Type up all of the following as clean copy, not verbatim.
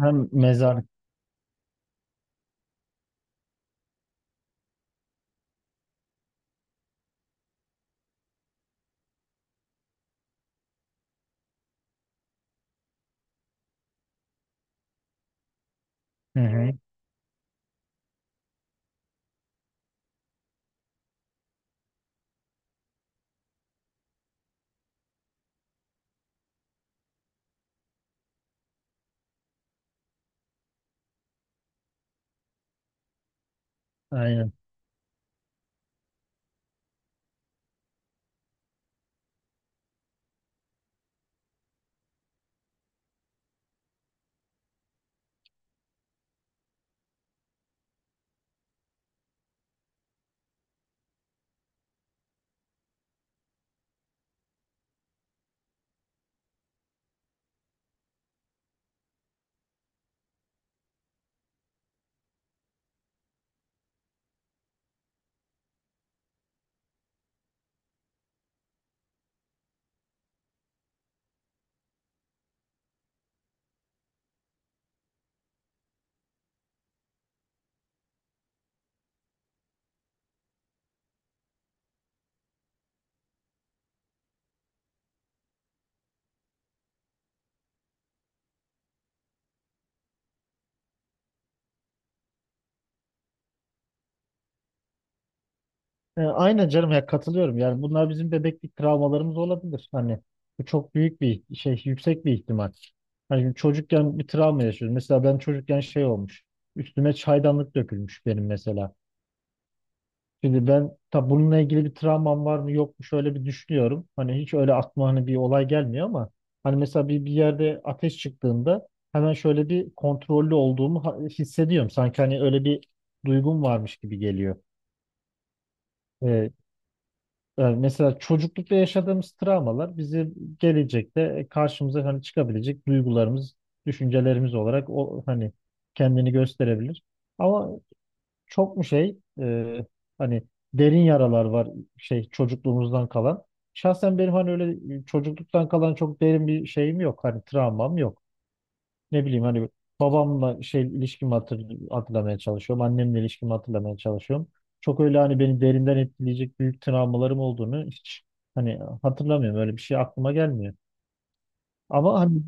Hem mezar. Hı hı. Aynen. Aynen canım ya, katılıyorum. Yani bunlar bizim bebeklik travmalarımız olabilir. Hani bu çok büyük bir şey, yüksek bir ihtimal. Hani çocukken bir travma yaşıyoruz. Mesela ben çocukken şey olmuş. Üstüme çaydanlık dökülmüş benim mesela. Şimdi ben tabi bununla ilgili bir travmam var mı yok mu şöyle bir düşünüyorum. Hani hiç öyle aklıma hani bir olay gelmiyor ama hani mesela bir yerde ateş çıktığında hemen şöyle bir kontrollü olduğumu hissediyorum. Sanki hani öyle bir duygum varmış gibi geliyor. Ee, Yani mesela çocuklukta yaşadığımız travmalar bizi gelecekte karşımıza hani çıkabilecek duygularımız, düşüncelerimiz olarak o hani kendini gösterebilir. Ama çok mu hani derin yaralar var şey çocukluğumuzdan kalan. Şahsen benim hani öyle çocukluktan kalan çok derin bir şeyim yok. Hani travmam yok, ne bileyim hani babamla şey ilişkimi hatırlamaya çalışıyorum. Annemle ilişkimi hatırlamaya çalışıyorum. Çok öyle hani beni derinden etkileyecek büyük travmalarım olduğunu hiç hani hatırlamıyorum. Öyle bir şey aklıma gelmiyor. Ama hani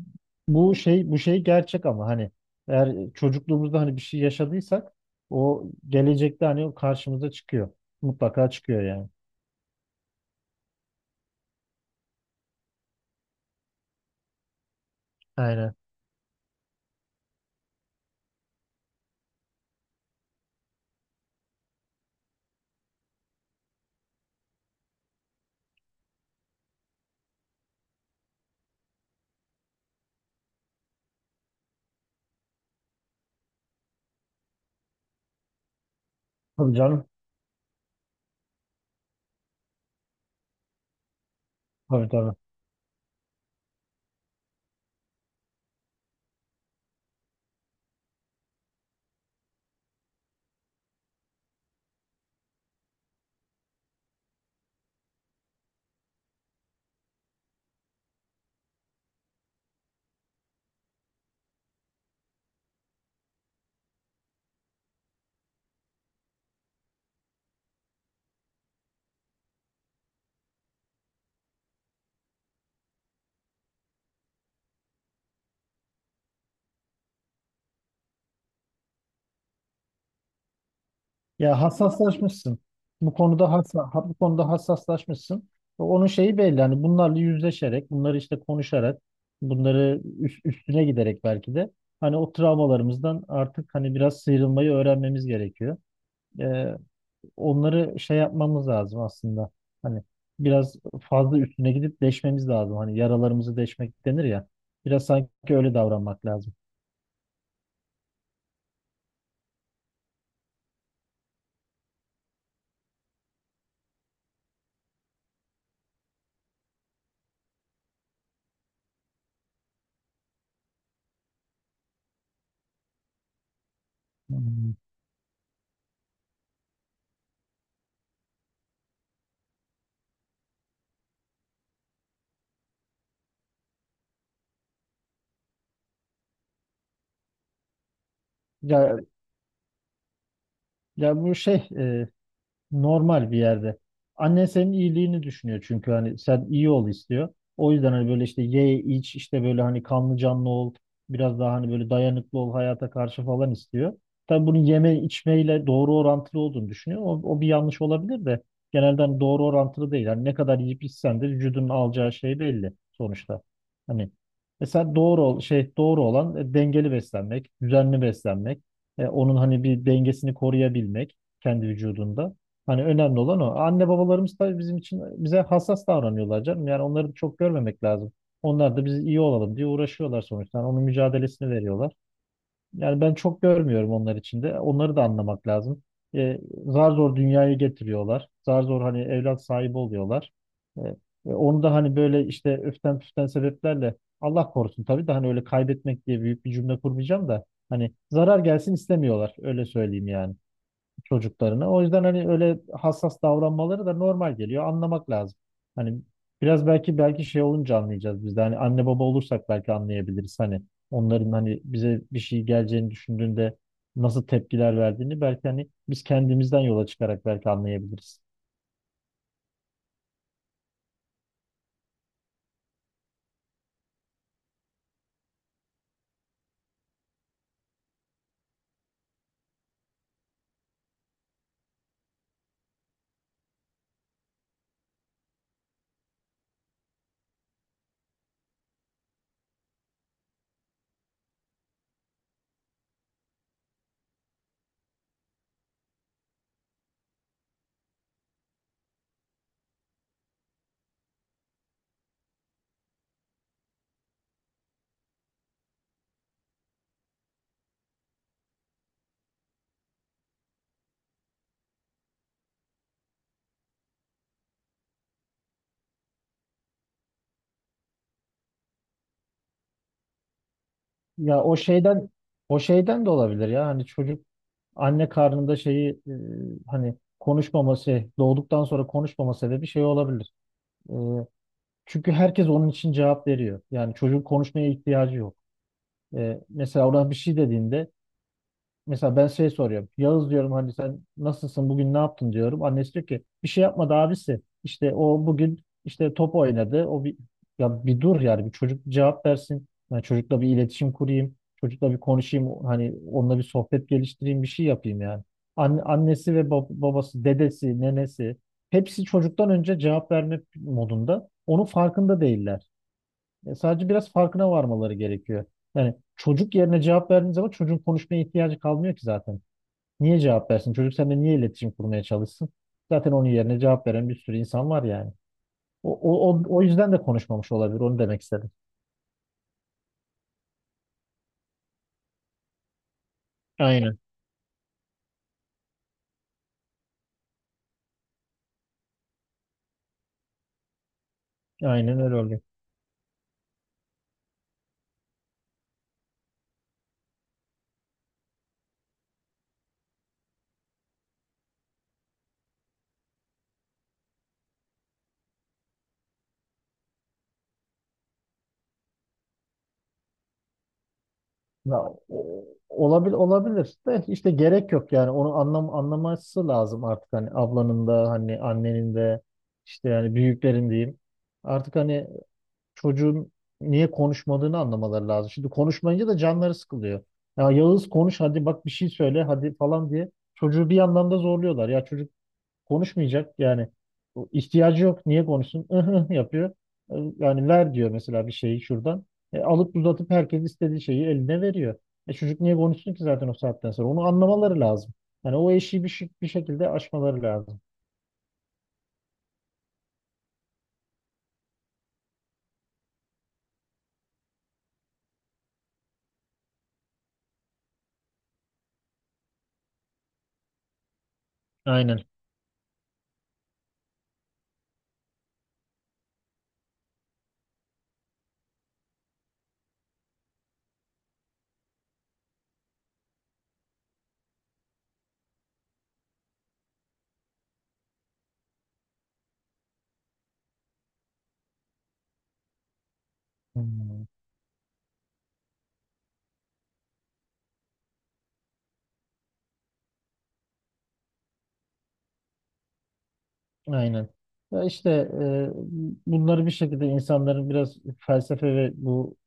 bu şey gerçek ama hani eğer çocukluğumuzda hani bir şey yaşadıysak o gelecekte hani o karşımıza çıkıyor. Mutlaka çıkıyor yani. Aynen. Tabii canım. Tabii tabii. Ya, hassaslaşmışsın. Bu konuda hassaslaşmışsın. Onun şeyi belli. Hani bunlarla yüzleşerek, bunları işte konuşarak, bunları üstüne giderek belki de hani o travmalarımızdan artık hani biraz sıyrılmayı öğrenmemiz gerekiyor. Ee, Onları şey yapmamız lazım aslında. Hani biraz fazla üstüne gidip deşmemiz lazım. Hani yaralarımızı deşmek denir ya. Biraz sanki öyle davranmak lazım. Hmm. Ya, Ya bu şey normal bir yerde. Annen senin iyiliğini düşünüyor, çünkü hani sen iyi ol istiyor. O yüzden hani böyle işte ye iç, işte böyle hani kanlı canlı ol. Biraz daha hani böyle dayanıklı ol hayata karşı falan istiyor. Tabii bunun yeme içmeyle doğru orantılı olduğunu düşünüyor. O bir yanlış olabilir de genelde hani doğru orantılı değil. Hani ne kadar yiyip içsen de vücudun alacağı şey belli sonuçta. Hani mesela şey doğru olan dengeli beslenmek, düzenli beslenmek, onun hani bir dengesini koruyabilmek kendi vücudunda. Hani önemli olan o. Anne babalarımız tabii bizim için bize hassas davranıyorlar canım. Yani onları da çok görmemek lazım. Onlar da biz iyi olalım diye uğraşıyorlar sonuçta. Yani onun mücadelesini veriyorlar. Yani ben çok görmüyorum onlar için de. Onları da anlamak lazım. E, Zar zor dünyaya getiriyorlar. Zar zor hani evlat sahibi oluyorlar. E, Onu da hani böyle işte öften püften sebeplerle, Allah korusun tabii de hani öyle kaybetmek diye büyük bir cümle kurmayacağım da hani zarar gelsin istemiyorlar. Öyle söyleyeyim yani, çocuklarına. O yüzden hani öyle hassas davranmaları da normal geliyor. Anlamak lazım. Hani biraz belki şey olunca anlayacağız biz de. Hani anne baba olursak belki anlayabiliriz. Hani onların hani bize bir şey geleceğini düşündüğünde nasıl tepkiler verdiğini belki hani biz kendimizden yola çıkarak belki anlayabiliriz. Ya o şeyden de olabilir ya. Hani çocuk anne karnında hani konuşmaması, doğduktan sonra konuşmama sebebi şey olabilir. Çünkü herkes onun için cevap veriyor. Yani çocuğun konuşmaya ihtiyacı yok. Mesela ona bir şey dediğinde mesela ben şey soruyorum. Yağız diyorum, hani sen nasılsın, bugün ne yaptın diyorum. Annesi diyor ki bir şey yapmadı abisi. İşte o bugün işte top oynadı. O bir Ya bir dur yani, bir çocuk cevap versin. Yani çocukla bir iletişim kurayım. Çocukla bir konuşayım. Hani onunla bir sohbet geliştireyim, bir şey yapayım yani. Annesi ve babası, dedesi, nenesi, hepsi çocuktan önce cevap verme modunda. Onun farkında değiller. Sadece biraz farkına varmaları gerekiyor. Yani çocuk yerine cevap verdiğin zaman çocuğun konuşmaya ihtiyacı kalmıyor ki zaten. Niye cevap versin? Çocuk seninle niye iletişim kurmaya çalışsın? Zaten onun yerine cevap veren bir sürü insan var yani. O yüzden de konuşmamış olabilir. Onu demek istedim. Aynen. Aynen öyle oluyor. Ya, olabilir, olabilir de işte gerek yok yani, onu anlaması lazım artık, hani ablanın da hani annenin de işte yani büyüklerin diyeyim. Artık hani çocuğun niye konuşmadığını anlamaları lazım. Şimdi konuşmayınca da canları sıkılıyor. Ya Yağız konuş hadi, bak bir şey söyle hadi falan diye çocuğu bir yandan da zorluyorlar. Ya çocuk konuşmayacak yani. O ihtiyacı yok, niye konuşsun? Ihı yapıyor. Yani ver diyor mesela bir şeyi şuradan. Alıp uzatıp herkes istediği şeyi eline veriyor. Çocuk niye konuşsun ki zaten, o saatten sonra onu anlamaları lazım. Yani o eşiği bir şekilde aşmaları lazım. Aynen. Hmm. Aynen. Ya işte e, Bunları bir şekilde insanların biraz felsefe ve bu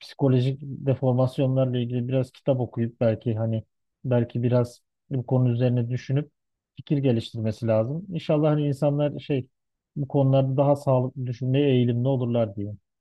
psikolojik deformasyonlarla ilgili biraz kitap okuyup belki hani belki biraz bu konu üzerine düşünüp fikir geliştirmesi lazım. İnşallah hani insanlar şey bu konularda daha sağlıklı düşünmeye eğilimli olurlar diye.